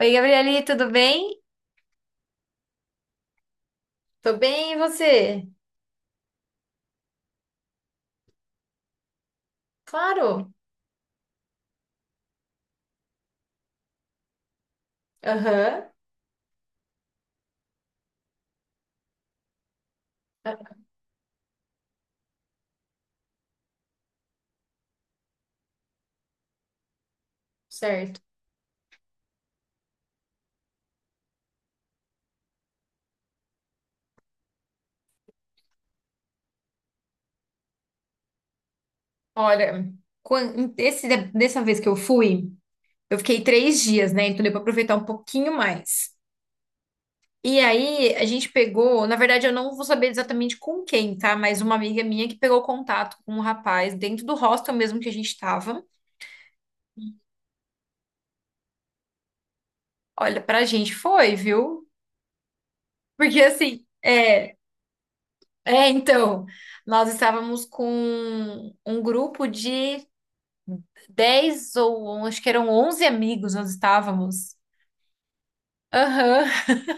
Oi, Gabriele, tudo bem? Tô bem, e você? Claro. Aham, ah, certo. Olha, quan- esse, dessa vez que eu fui, eu fiquei 3 dias, né? Então deu pra aproveitar um pouquinho mais. E aí a gente pegou, na verdade eu não vou saber exatamente com quem, tá? Mas uma amiga minha que pegou contato com um rapaz dentro do hostel mesmo que a gente tava. Olha, pra gente foi, viu? Porque assim, então, nós estávamos com um grupo de 10 ou acho que eram 11 amigos nós estávamos. Aham,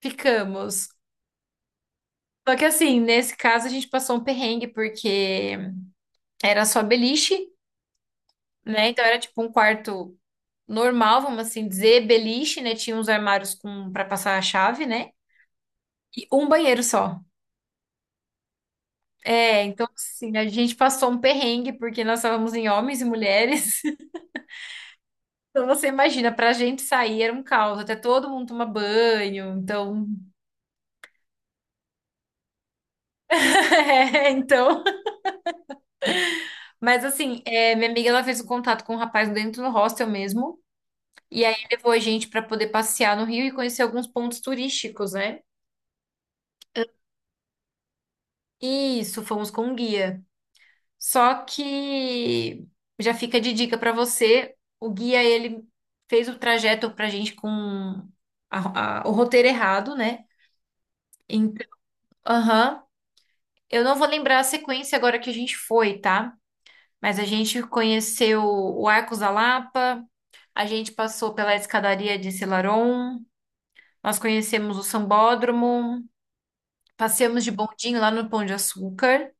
ficamos. Só que assim, nesse caso a gente passou um perrengue porque era só beliche, né? Então era tipo um quarto normal, vamos assim dizer, beliche, né? Tinha uns armários com para passar a chave, né? E um banheiro só. É, então assim, a gente passou um perrengue porque nós estávamos em homens e mulheres. Então você imagina, pra gente sair era um caos, até todo mundo toma banho, então. É, então, mas assim, é, minha amiga ela fez o contato com um rapaz dentro do hostel mesmo. E aí levou a gente para poder passear no Rio e conhecer alguns pontos turísticos, né? Isso, fomos com um guia. Só que já fica de dica para você, o guia ele fez o trajeto pra gente com o roteiro errado, né? Então, aham. Eu não vou lembrar a sequência agora que a gente foi, tá? Mas a gente conheceu o Arcos da Lapa, a gente passou pela escadaria de Selarón, nós conhecemos o Sambódromo, passeamos de bondinho lá no Pão de Açúcar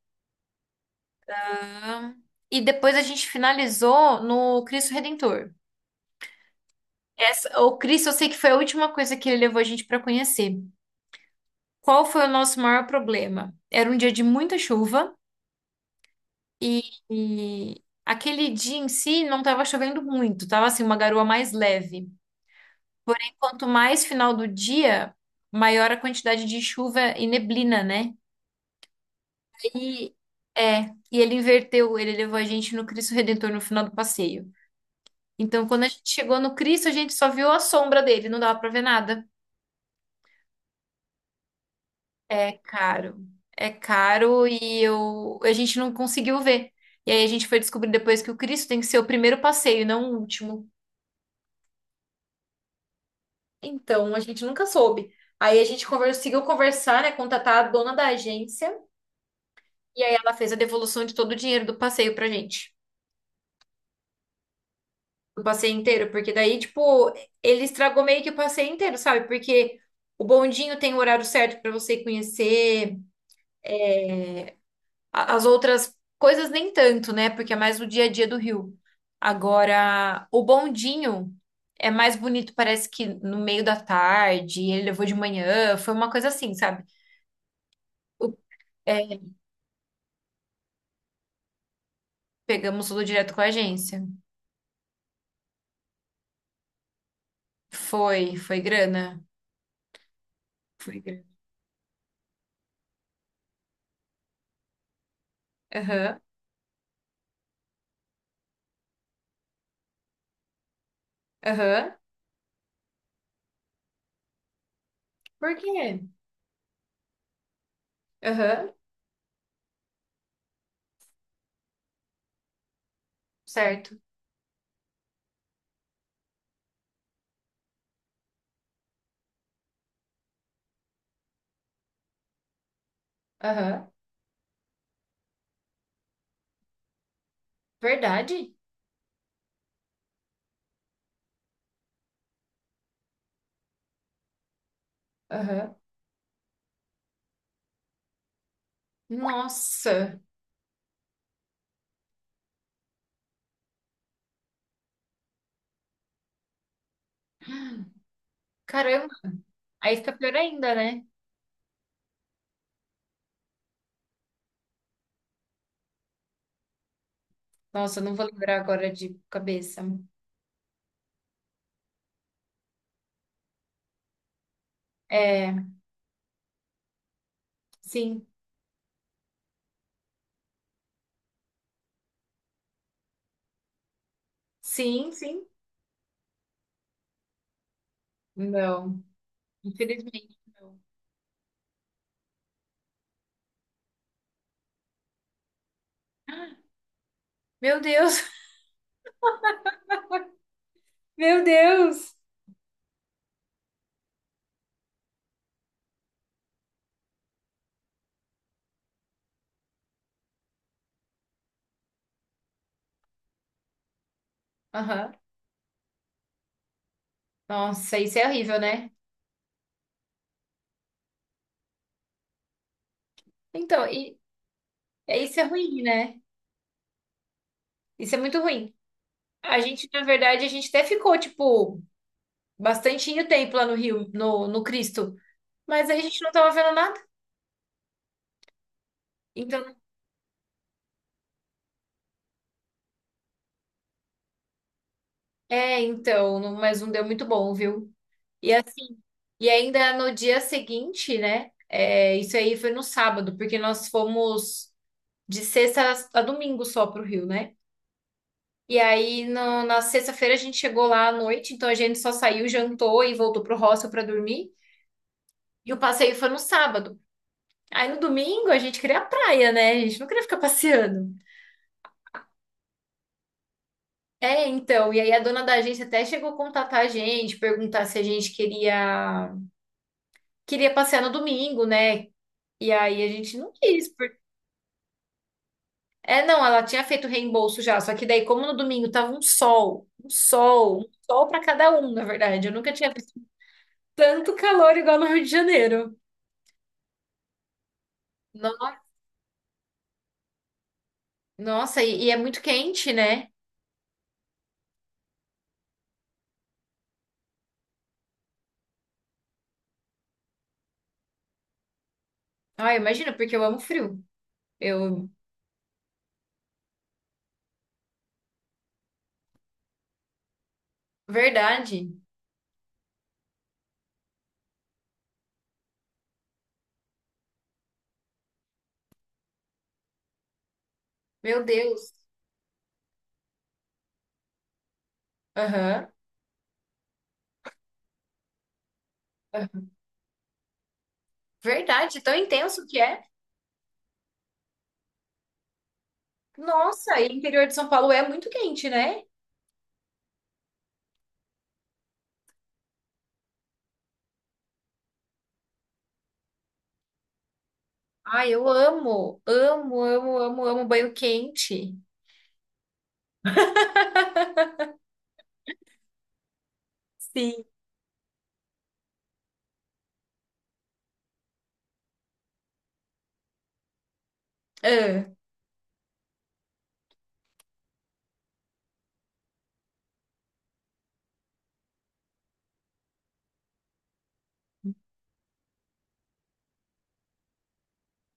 e depois a gente finalizou no Cristo Redentor. Essa, o Cristo, eu sei que foi a última coisa que ele levou a gente para conhecer. Qual foi o nosso maior problema? Era um dia de muita chuva e, e aquele dia em si não estava chovendo muito, estava assim uma garoa mais leve. Quanto mais final do dia, maior a quantidade de chuva e neblina, né? E é, e ele inverteu, ele levou a gente no Cristo Redentor no final do passeio. Então, quando a gente chegou no Cristo, a gente só viu a sombra dele, não dava pra ver nada. É caro. É caro e eu, a gente não conseguiu ver. E aí a gente foi descobrir depois que o Cristo tem que ser o primeiro passeio, não o último. Então, a gente nunca soube. Aí a gente conseguiu conversar, né, contatar a dona da agência e aí ela fez a devolução de todo o dinheiro do passeio pra gente. O passeio inteiro, porque daí, tipo, ele estragou meio que o passeio inteiro, sabe? Porque o bondinho tem o horário certo pra você conhecer, é, as outras coisas nem tanto, né? Porque é mais o dia a dia do Rio. Agora, o bondinho é mais bonito, parece que no meio da tarde, ele levou de manhã, foi uma coisa assim, sabe? O- é, pegamos tudo direto com a agência. Foi, foi grana. Foi grana. Aham, aham. Por quê? Aham, certo. Aham. Verdade? Aham. Nossa, caramba. Aí fica pior ainda, né? Nossa, eu não vou lembrar agora de cabeça. É, sim, sim, sim. Não, infelizmente não. Meu Deus, meu Deus. Aham. Nossa, isso é horrível, né? Então, e, isso é ruim, né? Isso é muito ruim. A gente, na verdade, a gente até ficou, tipo, bastante tempo lá no Rio, no, no Cristo. Mas a gente não tava vendo nada. Então, é, então, mas não deu muito bom, viu? E assim, e ainda no dia seguinte, né? É, isso aí foi no sábado, porque nós fomos de sexta a domingo só pro Rio, né? E aí na sexta-feira a gente chegou lá à noite, então a gente só saiu, jantou e voltou pro hostel pra dormir. E o passeio foi no sábado. Aí no domingo a gente queria a praia, né? A gente não queria ficar passeando. É, então, e aí a dona da agência até chegou a contatar a gente, perguntar se a gente queria. Queria passear no domingo, né? E aí a gente não quis. Por... É, não, ela tinha feito reembolso já, só que daí, como no domingo tava um sol, um sol, um sol para cada um, na verdade. Eu nunca tinha visto tanto calor igual no Rio de Janeiro. No- Nossa, e é muito quente, né? Ah, imagina, porque eu amo frio. Eu, verdade. Meu Deus. Aham. Verdade, tão intenso que é. Nossa, e o interior de São Paulo é muito quente, né? Ai, eu amo, amo, amo, amo, amo banho quente. Sim. Ah.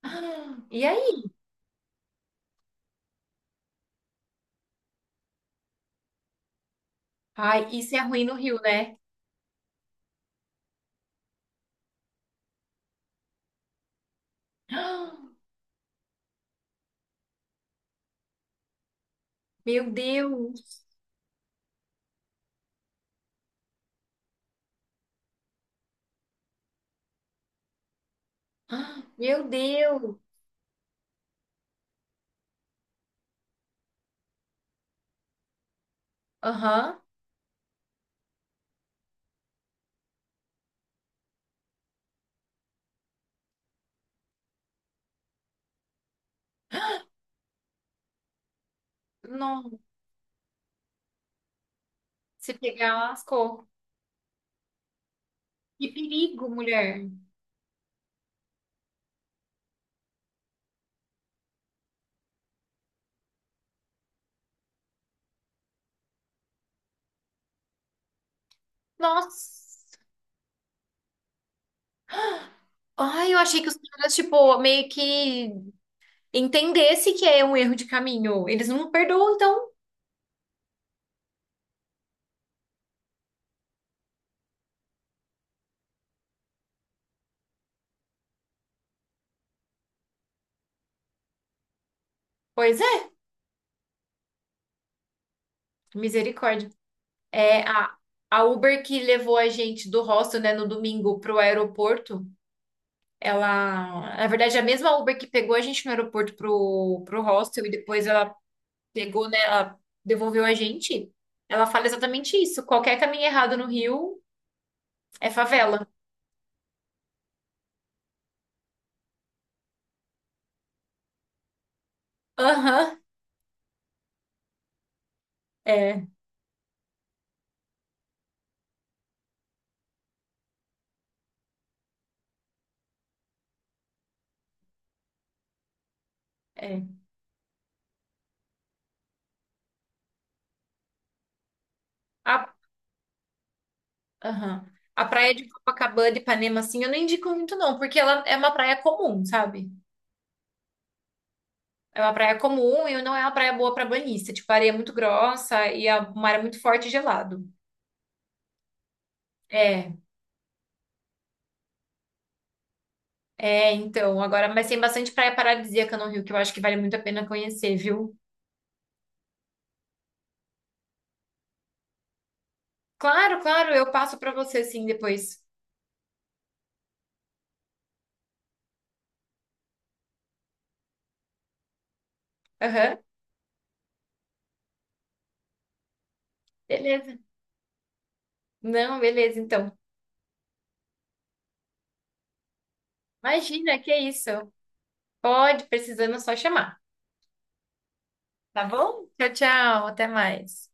Ah, e aí? Ai, isso é ruim no Rio, né? Ah, meu Deus! Ah, meu Deus! Aham. Não. Se pegar, lascou. Que perigo, mulher. Nossa. Ai, eu achei que os caras, tipo, meio que entendesse que é um erro de caminho. Eles não perdoam, então. Pois é, misericórdia. É a Uber que levou a gente do hostel, né, no domingo para o aeroporto. Ela, na verdade, é a mesma Uber que pegou a gente no aeroporto pro hostel e depois ela pegou, né, ela devolveu a gente. Ela fala exatamente isso. Qualquer caminho errado no Rio é favela. Aham, é, é. A, aham. A praia de Copacabana e Ipanema, assim, eu não indico muito não, porque ela é uma praia comum, sabe? É uma praia comum e não é uma praia boa para banhista. Tipo, a areia é muito grossa e o mar é muito forte e gelado. É, então, agora, mas tem bastante praia paradisíaca no Rio que eu acho que vale muito a pena conhecer, viu? Claro, claro, eu passo para você sim depois. Aham, beleza. Não, beleza, então. Imagina, que isso. Pode, precisando, é só chamar. Tá bom? Tchau, tchau, até mais.